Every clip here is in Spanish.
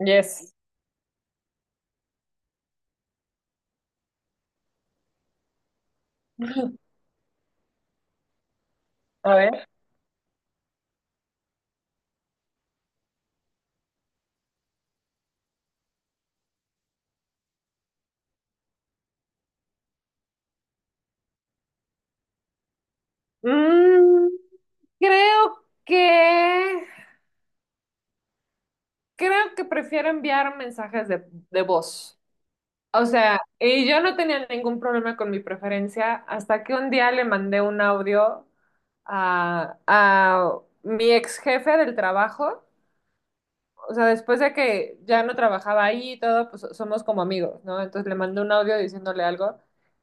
Yes. A ver. Mm, creo que creo que prefiero enviar mensajes de voz. O sea, y yo no tenía ningún problema con mi preferencia hasta que un día le mandé un audio a mi ex jefe del trabajo. O sea, después de que ya no trabajaba ahí y todo, pues somos como amigos, ¿no? Entonces le mandé un audio diciéndole algo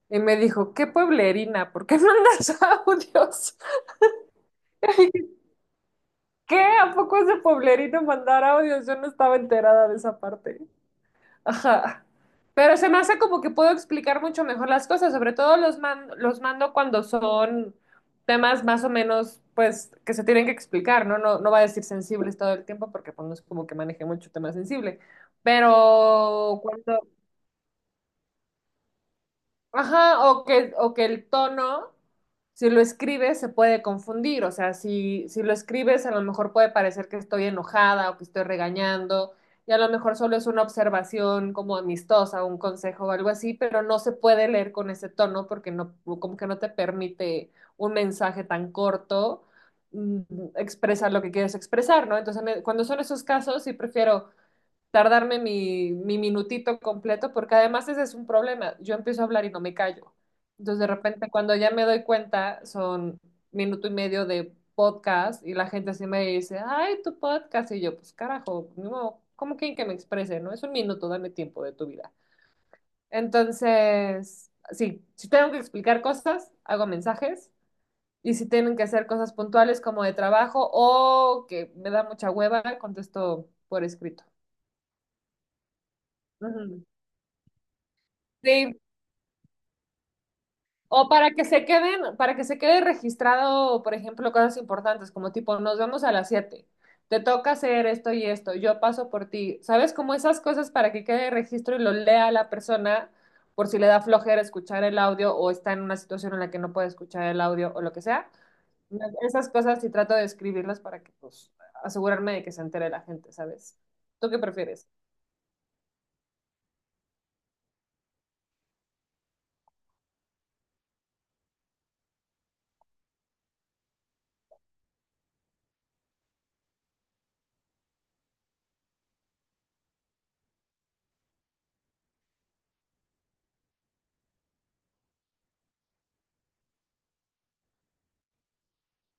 y me dijo, qué pueblerina, ¿por qué mandas audios? ¿Qué? ¿A poco es de Pueblerino mandar audios? Yo no estaba enterada de esa parte. Ajá. Pero se me hace como que puedo explicar mucho mejor las cosas, sobre todo los los mando cuando son temas más o menos, pues, que se tienen que explicar, ¿no? No, no va a decir sensibles todo el tiempo porque pues, no es como que maneje mucho tema sensible. Pero cuando, ajá, o que el tono, si lo escribes, se puede confundir. O sea, si lo escribes, a lo mejor puede parecer que estoy enojada o que estoy regañando, y a lo mejor solo es una observación como amistosa, un consejo o algo así, pero no se puede leer con ese tono porque no, como que no te permite un mensaje tan corto mm, expresar lo que quieres expresar, ¿no? Entonces, cuando son esos casos, sí prefiero tardarme mi minutito completo, porque además ese es un problema. Yo empiezo a hablar y no me callo. Entonces, de repente, cuando ya me doy cuenta, son minuto y medio de podcast y la gente así me dice, ay, tu podcast. Y yo, pues carajo, no, ¿cómo quieren que me exprese? No, es un minuto, dame tiempo de tu vida. Entonces, sí, si tengo que explicar cosas, hago mensajes. Y si tienen que hacer cosas puntuales como de trabajo o que me da mucha hueva, contesto por escrito. Ujú. Sí, o para que se queden, para que se quede registrado, por ejemplo, cosas importantes, como tipo, nos vemos a las 7 te toca hacer esto y esto, yo paso por ti. ¿Sabes? Como esas cosas para que quede registro y lo lea la persona por si le da flojera escuchar el audio o está en una situación en la que no puede escuchar el audio o lo que sea. Esas cosas sí trato de escribirlas para que, pues, asegurarme de que se entere la gente, ¿sabes? ¿Tú qué prefieres?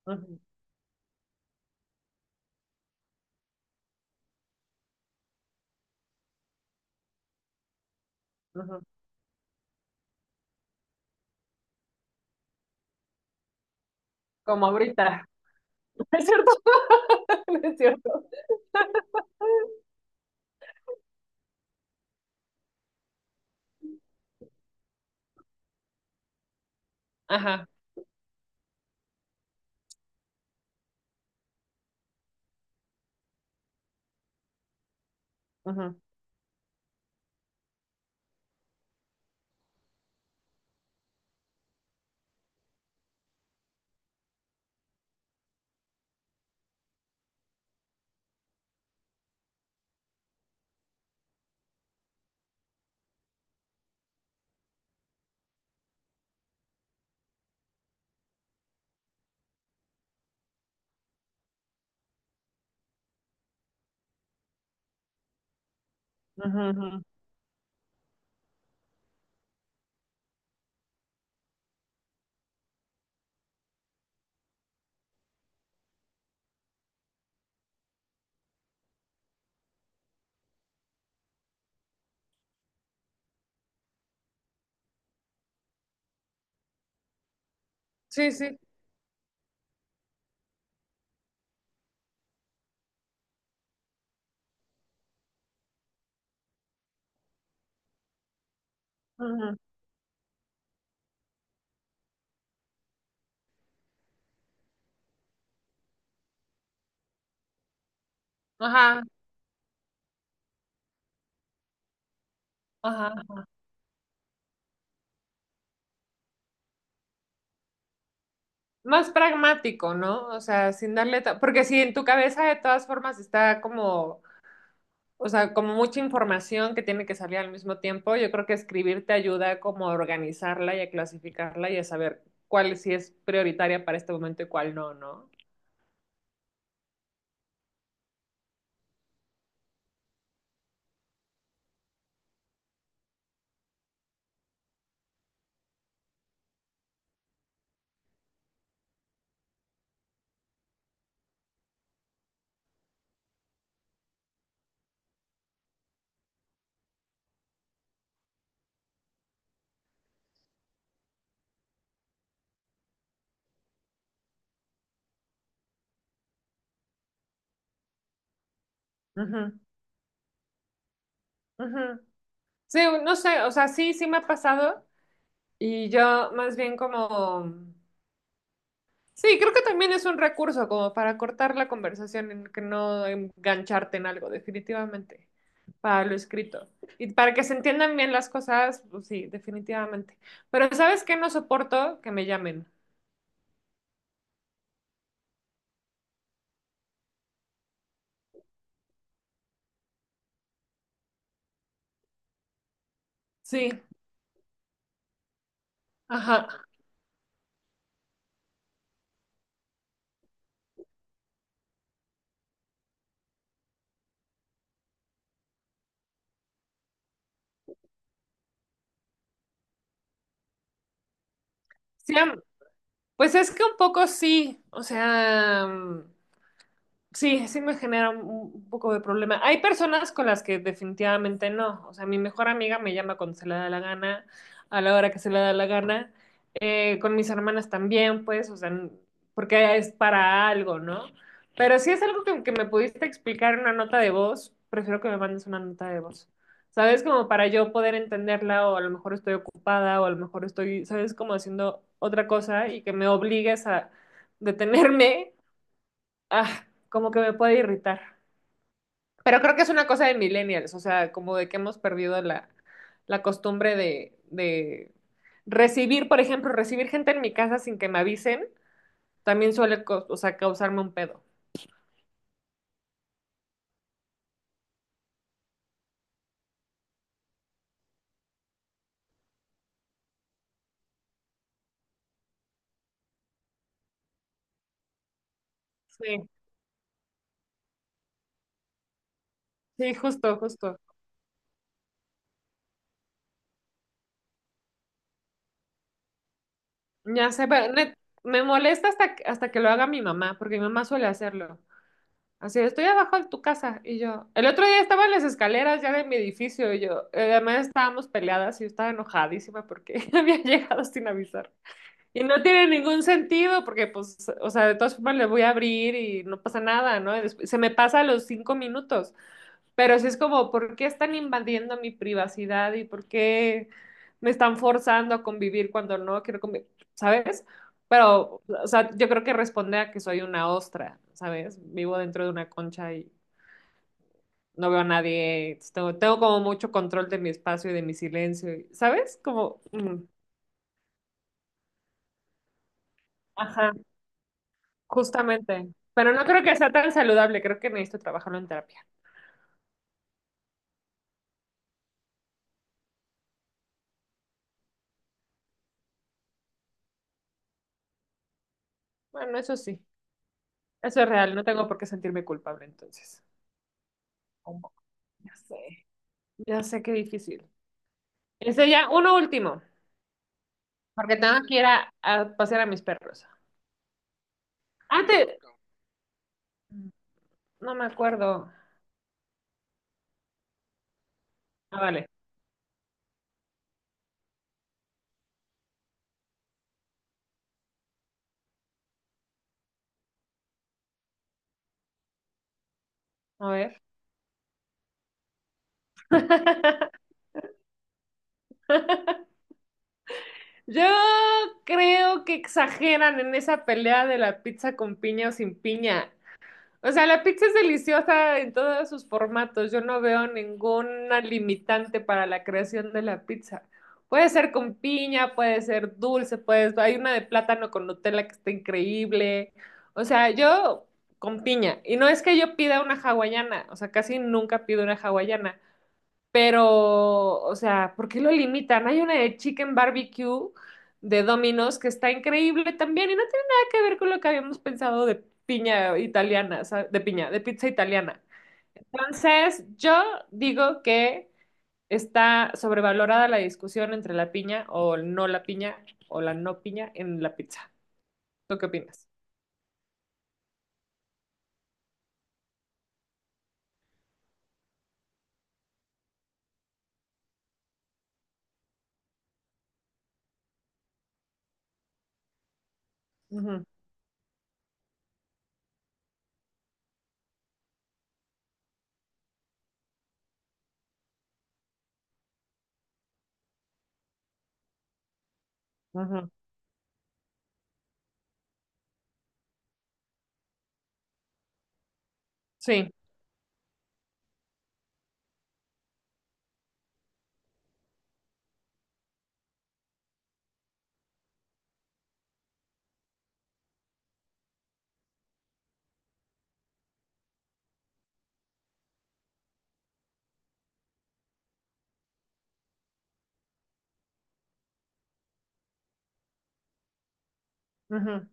Ujú, ujú. Como ahorita. ¿Es cierto? ¿No ¿Es cierto? Ajá. Ujú, ujú, ujú, sí, sí. Ujú. Ajá, ajá. Más pragmático, ¿no? O sea, sin darle... ta- porque si en tu cabeza de todas formas está como, o sea, como mucha información que tiene que salir al mismo tiempo, yo creo que escribir te ayuda como a organizarla y a clasificarla y a saber cuál sí es prioritaria para este momento y cuál no, ¿no? Ujú, ujú. Sí, no sé, o sea, sí, sí me ha pasado y yo más bien como... sí, creo que también es un recurso como para cortar la conversación, en que no engancharte en algo, definitivamente, para lo escrito. Y para que se entiendan bien las cosas, pues sí, definitivamente. Pero ¿sabes qué? No soporto que me llamen. Sí, ajá. Sí, am- pues es que un poco sí, o sea... sí, sí me genera un poco de problema. Hay personas con las que definitivamente no. O sea, mi mejor amiga me llama cuando se le da la gana, a la hora que se le da la gana. Con mis hermanas también, pues, o sea, n- porque es para algo, ¿no? Pero si es algo que me pudiste explicar en una nota de voz, prefiero que me mandes una nota de voz. ¿Sabes? Como para yo poder entenderla o a lo mejor estoy ocupada o a lo mejor estoy, ¿sabes? Como haciendo otra cosa y que me obligues a detenerme ah, como que me puede irritar. Pero creo que es una cosa de millennials, o sea, como de que hemos perdido la costumbre de recibir, por ejemplo, recibir gente en mi casa sin que me avisen, también suele, cau- o sea, causarme un pedo. Sí, sí, justo, justo. Ya sé, pero net- me molesta hasta que lo haga mi mamá, porque mi mamá suele hacerlo. Así, estoy abajo de tu casa. Y yo, el otro día estaba en las escaleras ya de mi edificio y yo, además estábamos peleadas y yo estaba enojadísima porque había llegado sin avisar. Y no tiene ningún sentido porque, pues, o sea, de todas formas le voy a abrir y no pasa nada, ¿no? Y después- se me pasa a los cinco minutos, pero sí es como, ¿por qué están invadiendo mi privacidad y por qué me están forzando a convivir cuando no quiero convivir? ¿Sabes? Pero, o sea, yo creo que responde a que soy una ostra, ¿sabes? Vivo dentro de una concha y no veo a nadie, entonces tengo, tengo como mucho control de mi espacio y de mi silencio, y- ¿sabes? Como, mm, ajá. Justamente. Pero no creo que sea tan saludable, creo que necesito trabajarlo en terapia. Bueno, eso sí, eso es real, no tengo por qué sentirme culpable entonces. ¿Cómo? Ya sé, ya sé qué difícil. Este ya, uno último, porque tengo que ir a pasear a mis perros. Antes, no me acuerdo. Ah, vale, a ver. Yo creo que exageran en esa pelea de la pizza con piña o sin piña. O sea, la pizza es deliciosa en todos sus formatos. Yo no veo ninguna limitante para la creación de la pizza. Puede ser con piña, puede ser dulce, puede... hay una de plátano con Nutella que está increíble. O sea, yo con piña. Y no es que yo pida una hawaiana, o sea, casi nunca pido una hawaiana. Pero, o sea, ¿por qué lo limitan? Hay una de Chicken Barbecue de Domino's que está increíble también y no tiene nada que ver con lo que habíamos pensado de piña italiana, o de piña, de pizza italiana. Entonces, yo digo que está sobrevalorada la discusión entre la piña o no la piña o la no piña en la pizza. ¿Tú qué opinas? Ujú, ujú. Sí. Ujú,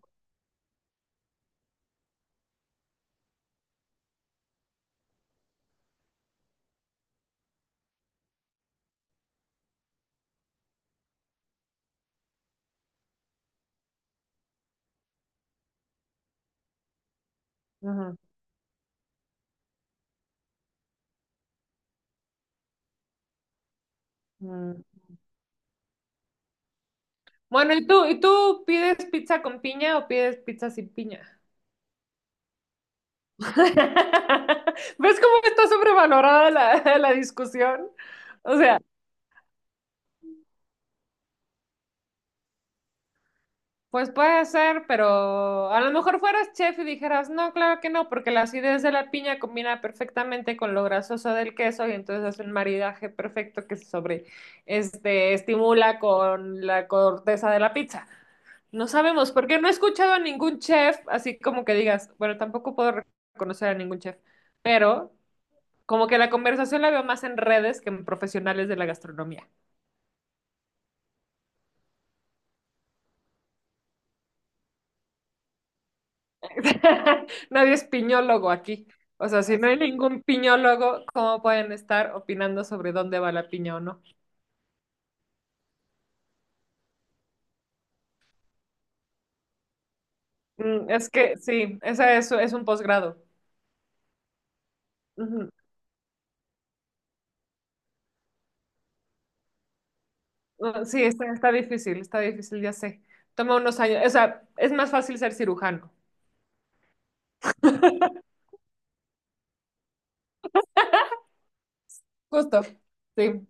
ujú, ujú. Bueno, ¿y tú? ¿Y tú pides pizza con piña o pides pizza sin piña? ¿Ves cómo está sobrevalorada la discusión? O sea, pues puede ser, pero a lo mejor fueras chef y dijeras, no, claro que no, porque la acidez de la piña combina perfectamente con lo grasoso del queso y entonces hace un maridaje perfecto que se sobre, este, estimula con la corteza de la pizza. No sabemos, porque no he escuchado a ningún chef, así como que digas, bueno, tampoco puedo reconocer a ningún chef, pero como que la conversación la veo más en redes que en profesionales de la gastronomía. Nadie es piñólogo aquí. O sea, si no hay ningún piñólogo, ¿cómo pueden estar opinando sobre dónde va la piña o no? Es que sí, esa es un posgrado. Ujú. Sí, está, está difícil, ya sé. Toma unos años, o sea, es más fácil ser cirujano. Justo, sí.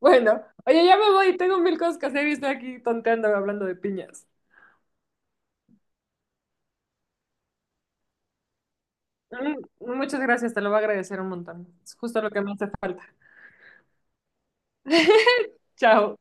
Bueno, oye, ya me voy, tengo mil cosas que hacer y estoy aquí tonteando hablando de piñas. Mm, Muchas gracias, te lo voy a agradecer un montón. Es justo lo que me hace falta. Chao.